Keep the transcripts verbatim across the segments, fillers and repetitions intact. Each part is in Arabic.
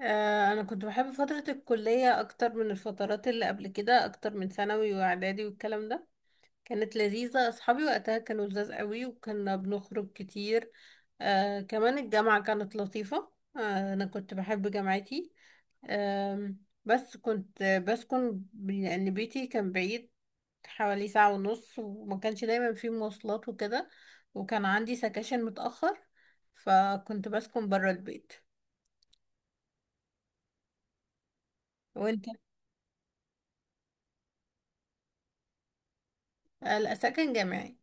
آه، انا كنت بحب فترة الكلية اكتر من الفترات اللي قبل كده، اكتر من ثانوي واعدادي والكلام ده. كانت لذيذة، اصحابي وقتها كانوا لذاذ قوي وكنا بنخرج كتير. آه كمان الجامعة كانت لطيفة. آه انا كنت بحب جامعتي. آم، بس كنت بسكن ب- لان بيتي كان بعيد، حوالي ساعة ونص، وما كانش دايما فيه مواصلات وكده، وكان عندي سكاشن متأخر، فكنت بسكن برا البيت. وانت؟ آه، لا، سكن جامعي.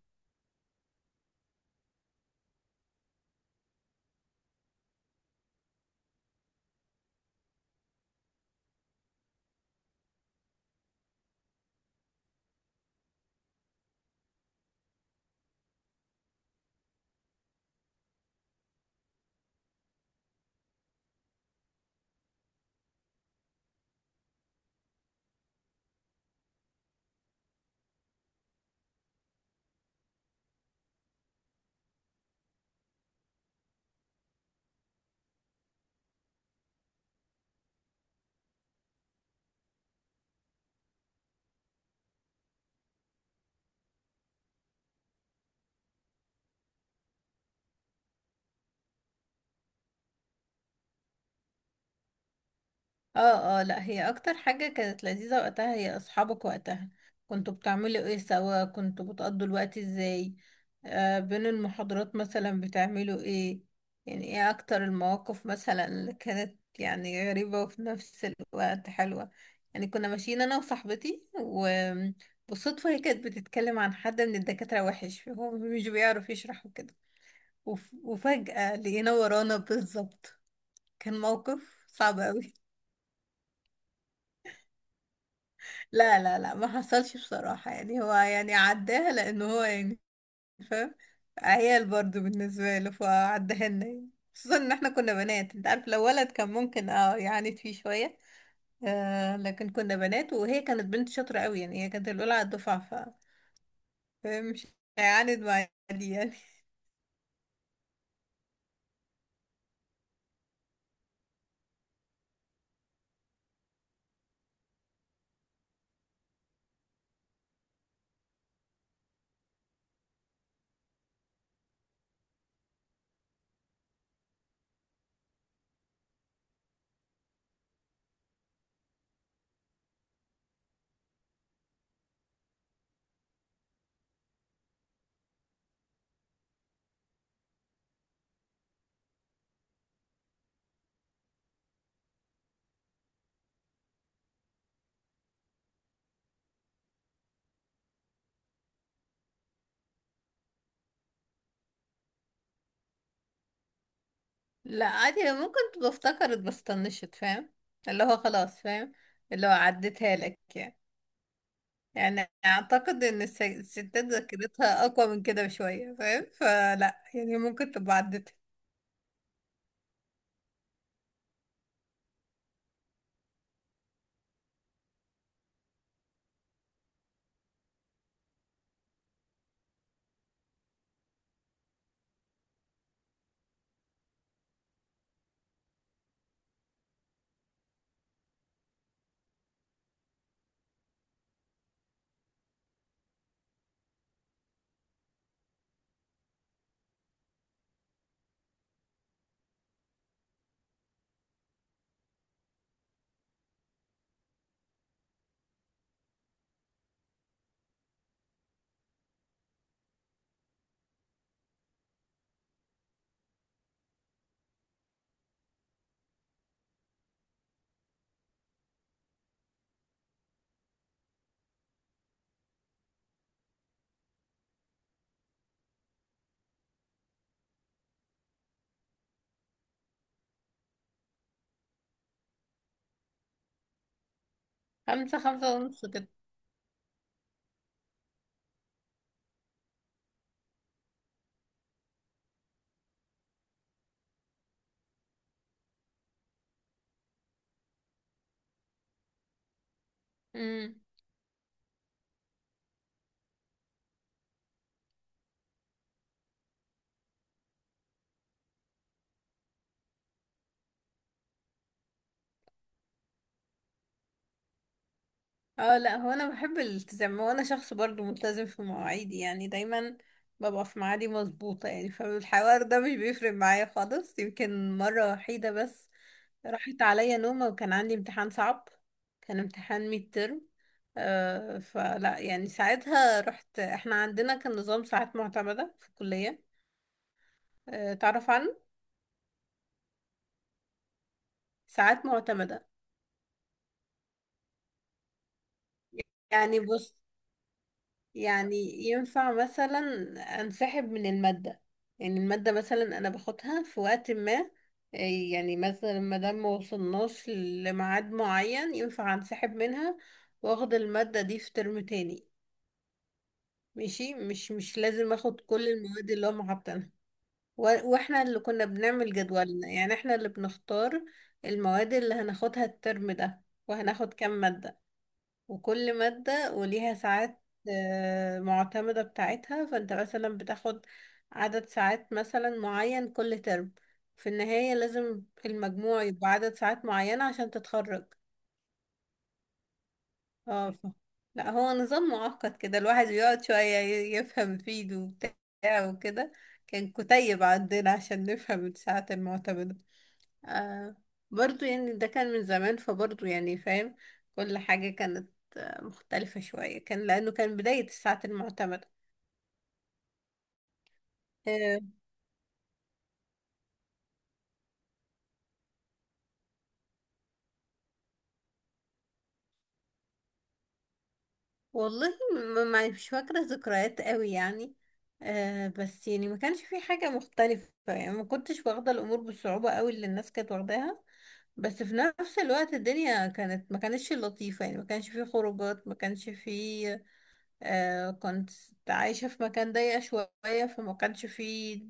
اه، اه، لا، هي اكتر حاجة كانت لذيذة وقتها هي اصحابك وقتها. كنتوا بتعملوا ايه سوا؟ كنتوا بتقضوا الوقت ازاي؟ آه بين المحاضرات مثلا بتعملوا ايه؟ يعني ايه اكتر المواقف مثلا اللي كانت يعني غريبة وفي نفس الوقت حلوة؟ يعني كنا ماشيين انا وصاحبتي وبالصدفة هي كانت بتتكلم عن حد من الدكاترة وحش، هو مش بيعرف يشرح وكده، وف- وفجأة لقينا ورانا بالظبط. كان موقف صعب قوي. لا لا لا، ما حصلش بصراحة، يعني هو يعني عداها لأنه هو يعني فاهم، عيال برضو بالنسبة له فعداها لنا يعني. خصوصا إن احنا كنا بنات، انت عارف لو ولد كان ممكن اه يعاند فيه شوية. آه لكن كنا بنات، وهي كانت بنت شاطرة قوي، يعني هي كانت الأولى على الدفعة، ف فاهم مش هيعاند معايا دي يعني. لا، عادي، هي ممكن تبقى افتكرت بس طنشت فاهم، اللي هو خلاص فاهم، اللي هو عدتها لك يعني. يعني اعتقد ان الس- الستات ذاكرتها اقوى من كده بشوية فاهم، فلا يعني ممكن تبقى عدتها. خمسة، خمسة ونص كده. امم. اه، لا، هو انا بحب الالتزام، وانا شخص برضو ملتزم في مواعيدي يعني دايما ببقى في ميعادي مظبوطة، يعني فالحوار ده مش بيفرق معايا خالص. يمكن مرة وحيدة بس راحت عليا نومة وكان عندي امتحان صعب، كان امتحان ميد ترم. آه فلا يعني ساعتها رحت. احنا عندنا كان نظام ساعات معتمدة في الكلية، آه، تعرف عنه؟ ساعات معتمدة. يعني بص، يعني ينفع مثلا انسحب من المادة، يعني المادة مثلا أنا باخدها في وقت ما، آه، يعني مثلا ما دام ما وصلناش لميعاد معين ينفع انسحب منها، واخد المادة دي في ترم تاني. ماشي، مش مش لازم اخد كل المواد اللي هم حاطينها. و- واحنا اللي كنا بنعمل جدولنا، يعني احنا اللي بنختار المواد اللي هناخدها الترم ده وهناخد كام مادة، وكل مادة وليها ساعات آه، معتمدة بتاعتها. فانت مثلا بتاخد عدد ساعات مثلا معين كل ترم، في النهاية لازم المجموع يبقى عدد ساعات معينة عشان تتخرج. اه ف... لا هو نظام معقد كده، الواحد بيقعد شوية ي- يفهم فيه ده وبتاع وكده. كان كتيب عندنا عشان نفهم الساعات المعتمدة. آه برضو يعني ده كان من زمان، فبرضو يعني فاهم كل حاجة كان مختلفة شوية، كان لأنه كان بداية الساعات المعتمدة. أه والله ما ما- مش فاكرة ذكريات قوي يعني. أه بس يعني ما كانش في حاجة مختلفة، يعني ما كنتش واخدة الأمور بالصعوبة قوي اللي الناس كانت واخداها. بس في نفس الوقت الدنيا كانت ما كانتش لطيفة، يعني ما كانش في خروجات، ما كانش في أه كنت عايشة في مكان ضيق شوية، فما كانش في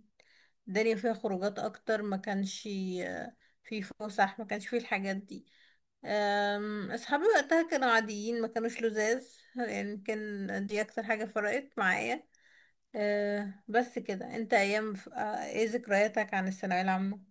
الدنيا فيها خروجات أكتر، ما كانش آه، في فسح، ما كانش في الحاجات دي. أم، أصحابي وقتها كانوا عاديين، ما كانوش لزاز، يعني كان دي أكتر حاجة فرقت معايا. أه، بس كده. أنت أيام ف- أه، إيه ذكرياتك عن الثانوية العامة؟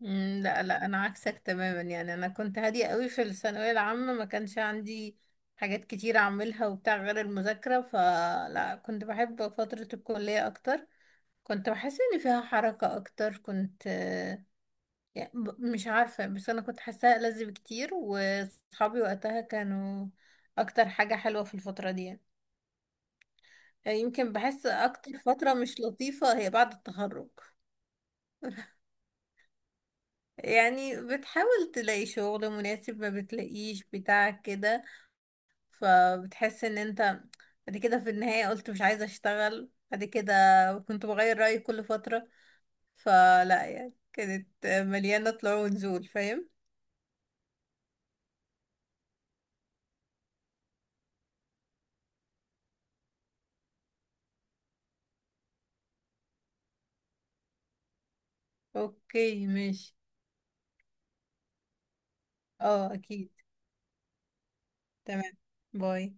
مم، لا لا، أنا عكسك تماما، يعني أنا كنت هادية قوي في الثانوية العامة، ما كانش عندي حاجات كتير أعملها وبتاع غير المذاكرة. فلا كنت بحب فترة الكلية أكتر، كنت بحس إن فيها حركة أكتر. كنت يعني ب- مش عارفة، بس أنا كنت حاساها ألذ بكتير، وصحابي وقتها كانوا أكتر حاجة حلوة في الفترة دي يعني. يعني يمكن بحس أكتر فترة مش لطيفة هي بعد التخرج. يعني بتحاول تلاقي شغل مناسب ما بتلاقيش بتاع كده، فبتحس إن أنت بعد كده في النهاية قلت مش عايزة أشتغل بعد كده، كنت بغير رأيي كل فترة، فلا يعني كانت مليانة طلوع ونزول فاهم؟ أوكي ماشي. اه، أكيد. تمام. باي.